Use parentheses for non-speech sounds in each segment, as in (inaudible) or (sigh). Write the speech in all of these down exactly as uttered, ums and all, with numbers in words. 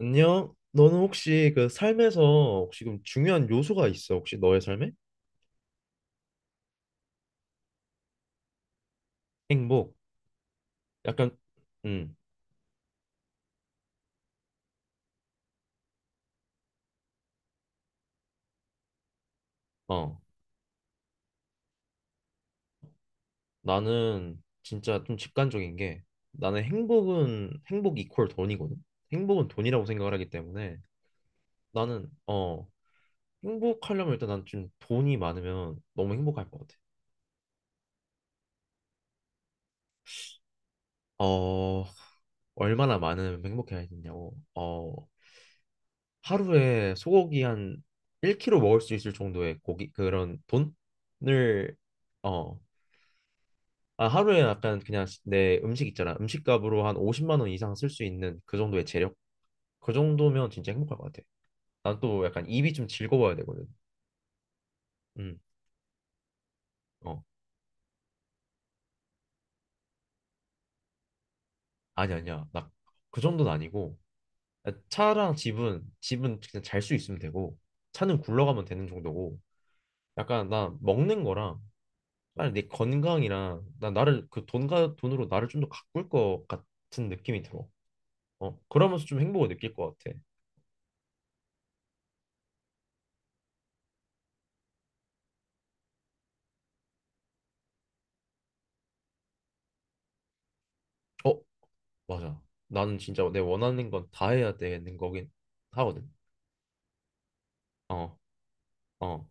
안녕. 너는 혹시 그 삶에서 혹시 그럼 중요한 요소가 있어? 혹시 너의 삶에? 행복. 약간 음. 어. 나는 진짜 좀 직관적인 게 나는 행복은 행복 이퀄 돈이거든. 행복은 돈이라고 생각을 하기 때문에 나는 어, 행복하려면 일단 난 좀 돈이 많으면 너무 행복할 것 같아. 어, 얼마나 많으면 행복해야 되냐고. 어, 하루에 소고기 한 일 킬로그램 먹을 수 있을 정도의 고기 그런 돈을 어, 아, 하루에 약간 그냥 시- 내 음식 있잖아. 음식값으로 한 오십만 원 이상 쓸 수 있는 그 정도의 재력. 그 정도면 진짜 행복할 것 같아. 난 또 약간 입이 좀 즐거워야 되거든. 음. 어. 아니 아니야. 나 그 정도는 아니고 차랑 집은 집은 그냥 잘 수 있으면 되고 차는 굴러가면 되는 정도고 약간 나 먹는 거랑 빨리 내 건강이랑 나 나를 그 돈과 돈으로 나를 좀 더 가꿀 것 같은 느낌이 들어. 어, 그러면서 좀 행복을 느낄 것 같아. 어, 맞아. 나는 진짜 내 원하는 건 다 해야 되는 거긴 하거든. 어, 어,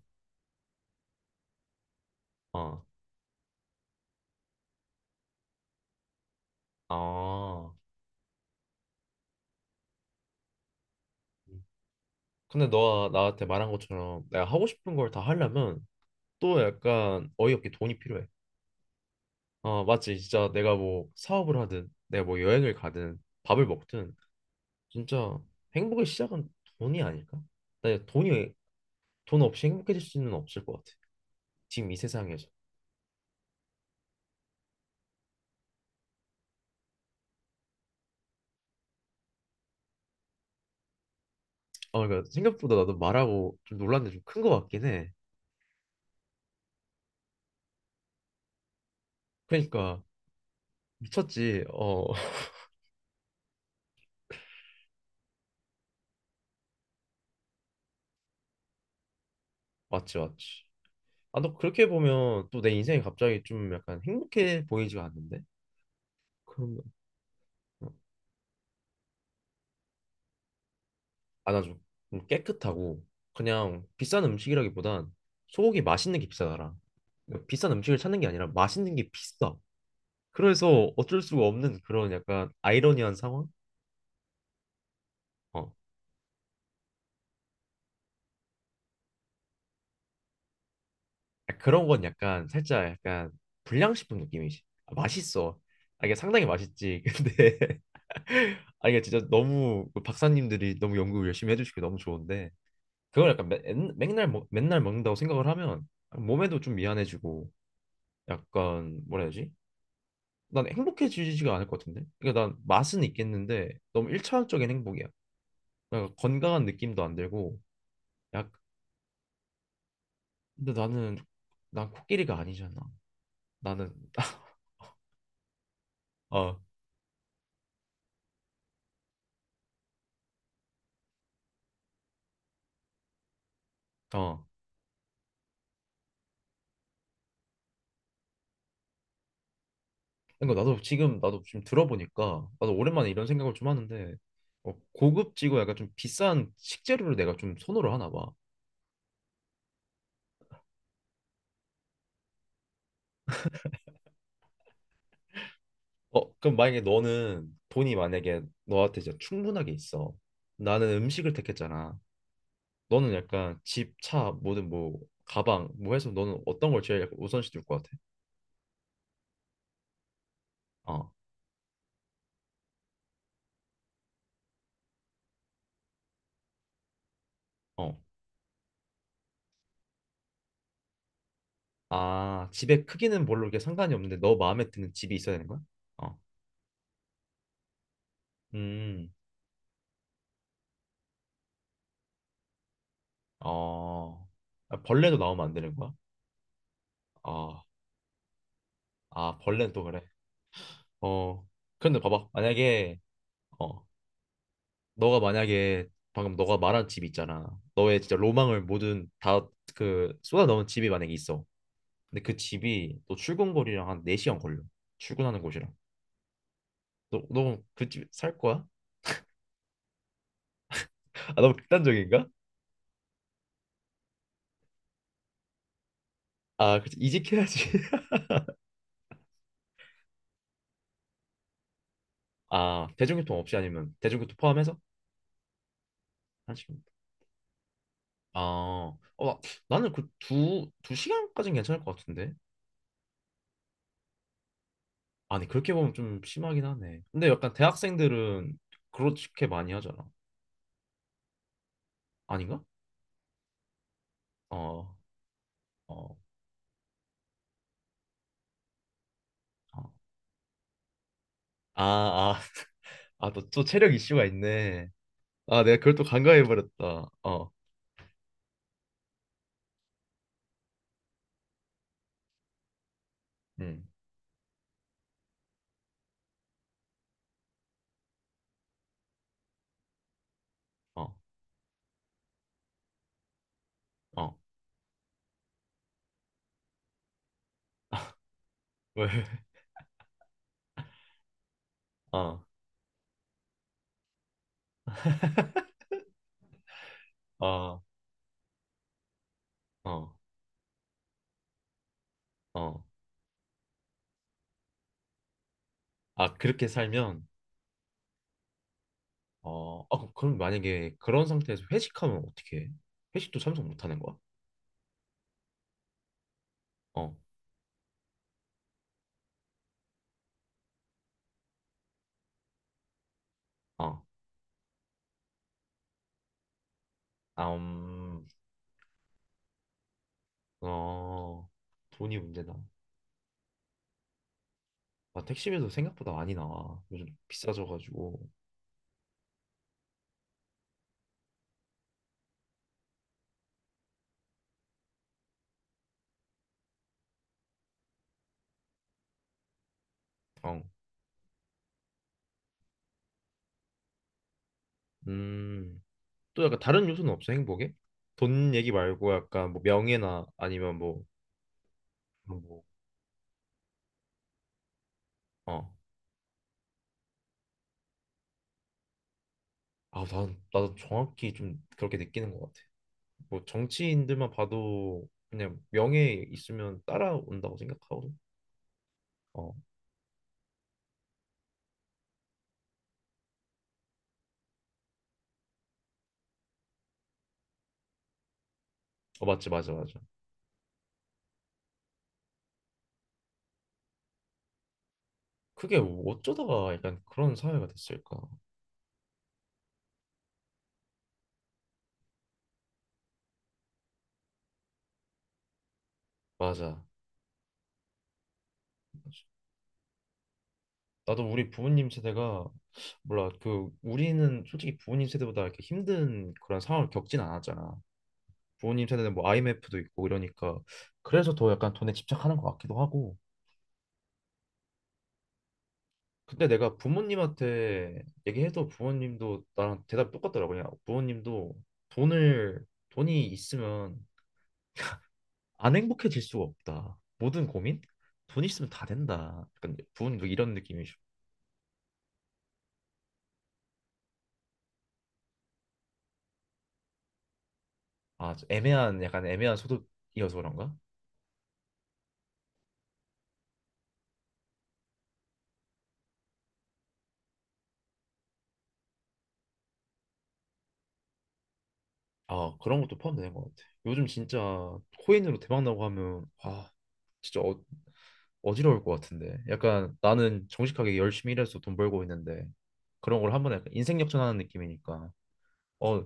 어, 아. 근데 너가 나한테 말한 것처럼 내가 하고 싶은 걸 다 하려면 또 약간 어이없게 돈이 필요해. 어, 맞지. 진짜 내가 뭐 사업을 하든 내가 뭐 여행을 가든 밥을 먹든 진짜 행복의 시작은 돈이 아닐까? 나 돈이 돈 없이 행복해질 수는 없을 것 같아. 지금 이 세상에서. 아, 그러니까 생각보다 나도 말하고 좀 놀란 게 좀 큰 것 같긴 해. 그러니까 미쳤지. 어, (laughs) 맞지, 맞지. 아, 너 그렇게 보면 또 내 인생이 갑자기 좀 약간 행복해 보이지가 않는데? 그럼 아, 나좀 깨끗하고 그냥 비싼 음식이라기보단 소고기 맛있는 게 비싸더라. 그러니까 비싼 음식을 찾는 게 아니라 맛있는 게 비싸. 그래서 어쩔 수가 없는 그런 약간 아이러니한 상황? 어. 아, 그런 건 약간 살짝 약간 불량식품 느낌이지. 아, 맛있어. 아, 이게 상당히 맛있지. 근데 (laughs) 아 이게 진짜 너무 그 박사님들이 너무 연구 열심히 해주시고 너무 좋은데 그걸 약간 맨, 맨날 먹, 맨날 먹는다고 생각을 하면 몸에도 좀 미안해지고 약간 뭐라 해야 되지? 난 행복해지지가 않을 것 같은데. 그러니까 난 맛은 있겠는데 너무 일차원적인 행복이야. 그러니까 건강한 느낌도 안 들고 약 근데 나는 난 코끼리가 아니잖아. 나는 (laughs) 어, 어. 그러니까 나도 지금 나도 지금 들어보니까 나도 오랜만에 이런 생각을 좀 하는데 어, 고급지고 약간 좀 비싼 식재료를 내가 좀 선호를 하나 봐. 어, 그럼 만약에 너는 돈이 만약에 너한테 진짜 충분하게 있어. 나는 음식을 택했잖아. 너는 약간 집, 차, 뭐든 뭐 가방 뭐 해서 너는 어떤 걸 제일 약간 우선시 둘 것 같아? 어, 어. 아, 집의 크기는 별로 이렇게 상관이 없는데 너 마음에 드는 집이 있어야 되는 거야? 어, 음, 어, 아, 벌레도 나오면 안 되는 거야? 아. 아, 벌레는 또 그래. 어. 근데 봐봐. 만약에, 어, 너가 만약에 방금 너가 말한 집 있잖아. 너의 진짜 로망을 모든 다 그 쏟아 넣은 집이 만약에 있어. 근데 그 집이 너 출근거리랑 한 네 시간 걸려. 출근하는 곳이랑. 너, 너그 집 살 거야? 아, 너무 극단적인가? 아, 그치. 이직해야지. (laughs) 아, 대중교통 없이 아니면 대중교통 포함해서? 한 시간. 아, 어, 나- 나는 그 두, 두 시간까지는 괜찮을 것 같은데. 아니 그렇게 보면 좀 심하긴 하네. 근데 약간 대학생들은 그렇게 많이 하잖아. 아닌가? 어, 어, 어. 아, 아, 아, 또, 또 체력 이슈가 있네. 아, 내가 그걸 또 간과해 버렸다. 어, 음, 어, 어, 왜? (laughs) 어, 어, 어, 어. 아, 그렇게 살면, 어, 아, 그- 그럼 만약에 그런 상태에서 회식하면 어떻게 해? 회식도 참석 못 하는 거야? 어, 어, 아, 음, 어, 돈이 문제다. 아, 택시비도 생각보다 많이 나와. 요즘 비싸져가지고. 어. 음. 또 약간 다른 요소는 없어, 행복에? 돈 얘기 말고 약간 뭐 명예나 아니면 뭐, 그런 뭐, 어. 아, 난, 나도 정확히 좀 그렇게 느끼는 것 같아. 뭐 정치인들만 봐도 그냥 명예 있으면 따라온다고 생각하거든. 어. 어, 맞지, 맞아, 맞아. 그게 어쩌다가 약간 그런 사회가 됐을까? 맞아. 나도 우리 부모님 세대가 몰라 그 우리는 솔직히 부모님 세대보다 이렇게 힘든 그런 상황을 겪진 않았잖아. 부모님 세대는 뭐 아이엠에프도 있고 이러니까 그래서 더 약간 돈에 집착하는 것 같기도 하고. 근데 내가 부모님한테 얘기해도 부모님도 나랑 대답이 똑같더라고. 그냥 부모님도 돈을 돈이 있으면 안 행복해질 수가 없다. 모든 고민 돈 있으면 다 된다. 약간 부모님도 이런 느낌이죠. 아 애매한 약간 애매한 소득이어서 그런가? 아, 그런 것도 포함되는 것 같아. 요즘 진짜 코인으로 대박 나고 하면 아, 진짜 어, 어지러울 것 같은데. 약간 나는 정직하게 열심히 일해서 돈 벌고 있는데 그런 걸 한 번에 약간 인생 역전하는 느낌이니까. 어,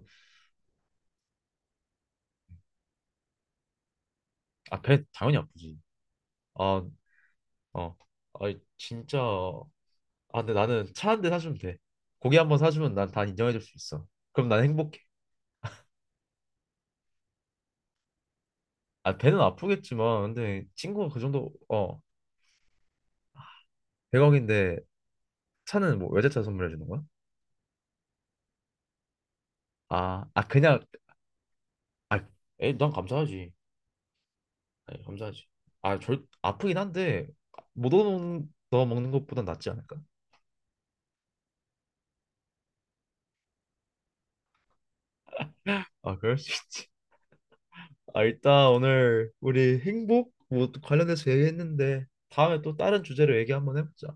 아, 배 당연히 아프지. 아, 어, 아, 진짜. 아, 근데 나는 차 한 대 사주면 돼. 고기 한 번 사주면 난 다 인정해줄 수 있어. 그럼 난 행복해. 아, 배는 아프겠지만, 근데 친구가 그 정도, 어, 백억인데 차는 뭐 외제차 선물해 주는 거야? 아, 아 그냥 아, 에이, 난 감사하지. 아니, 감사하지. 아, 절 아프긴 한데 못 얻어 먹는 것보단 낫지 않을까? 아, 그럴 수 있지. 아, 일단 오늘 우리 행복 뭐 관련해서 얘기했는데 다음에 또 다른 주제로 얘기 한번 해보자.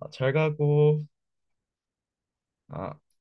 아, 잘 가고. 아.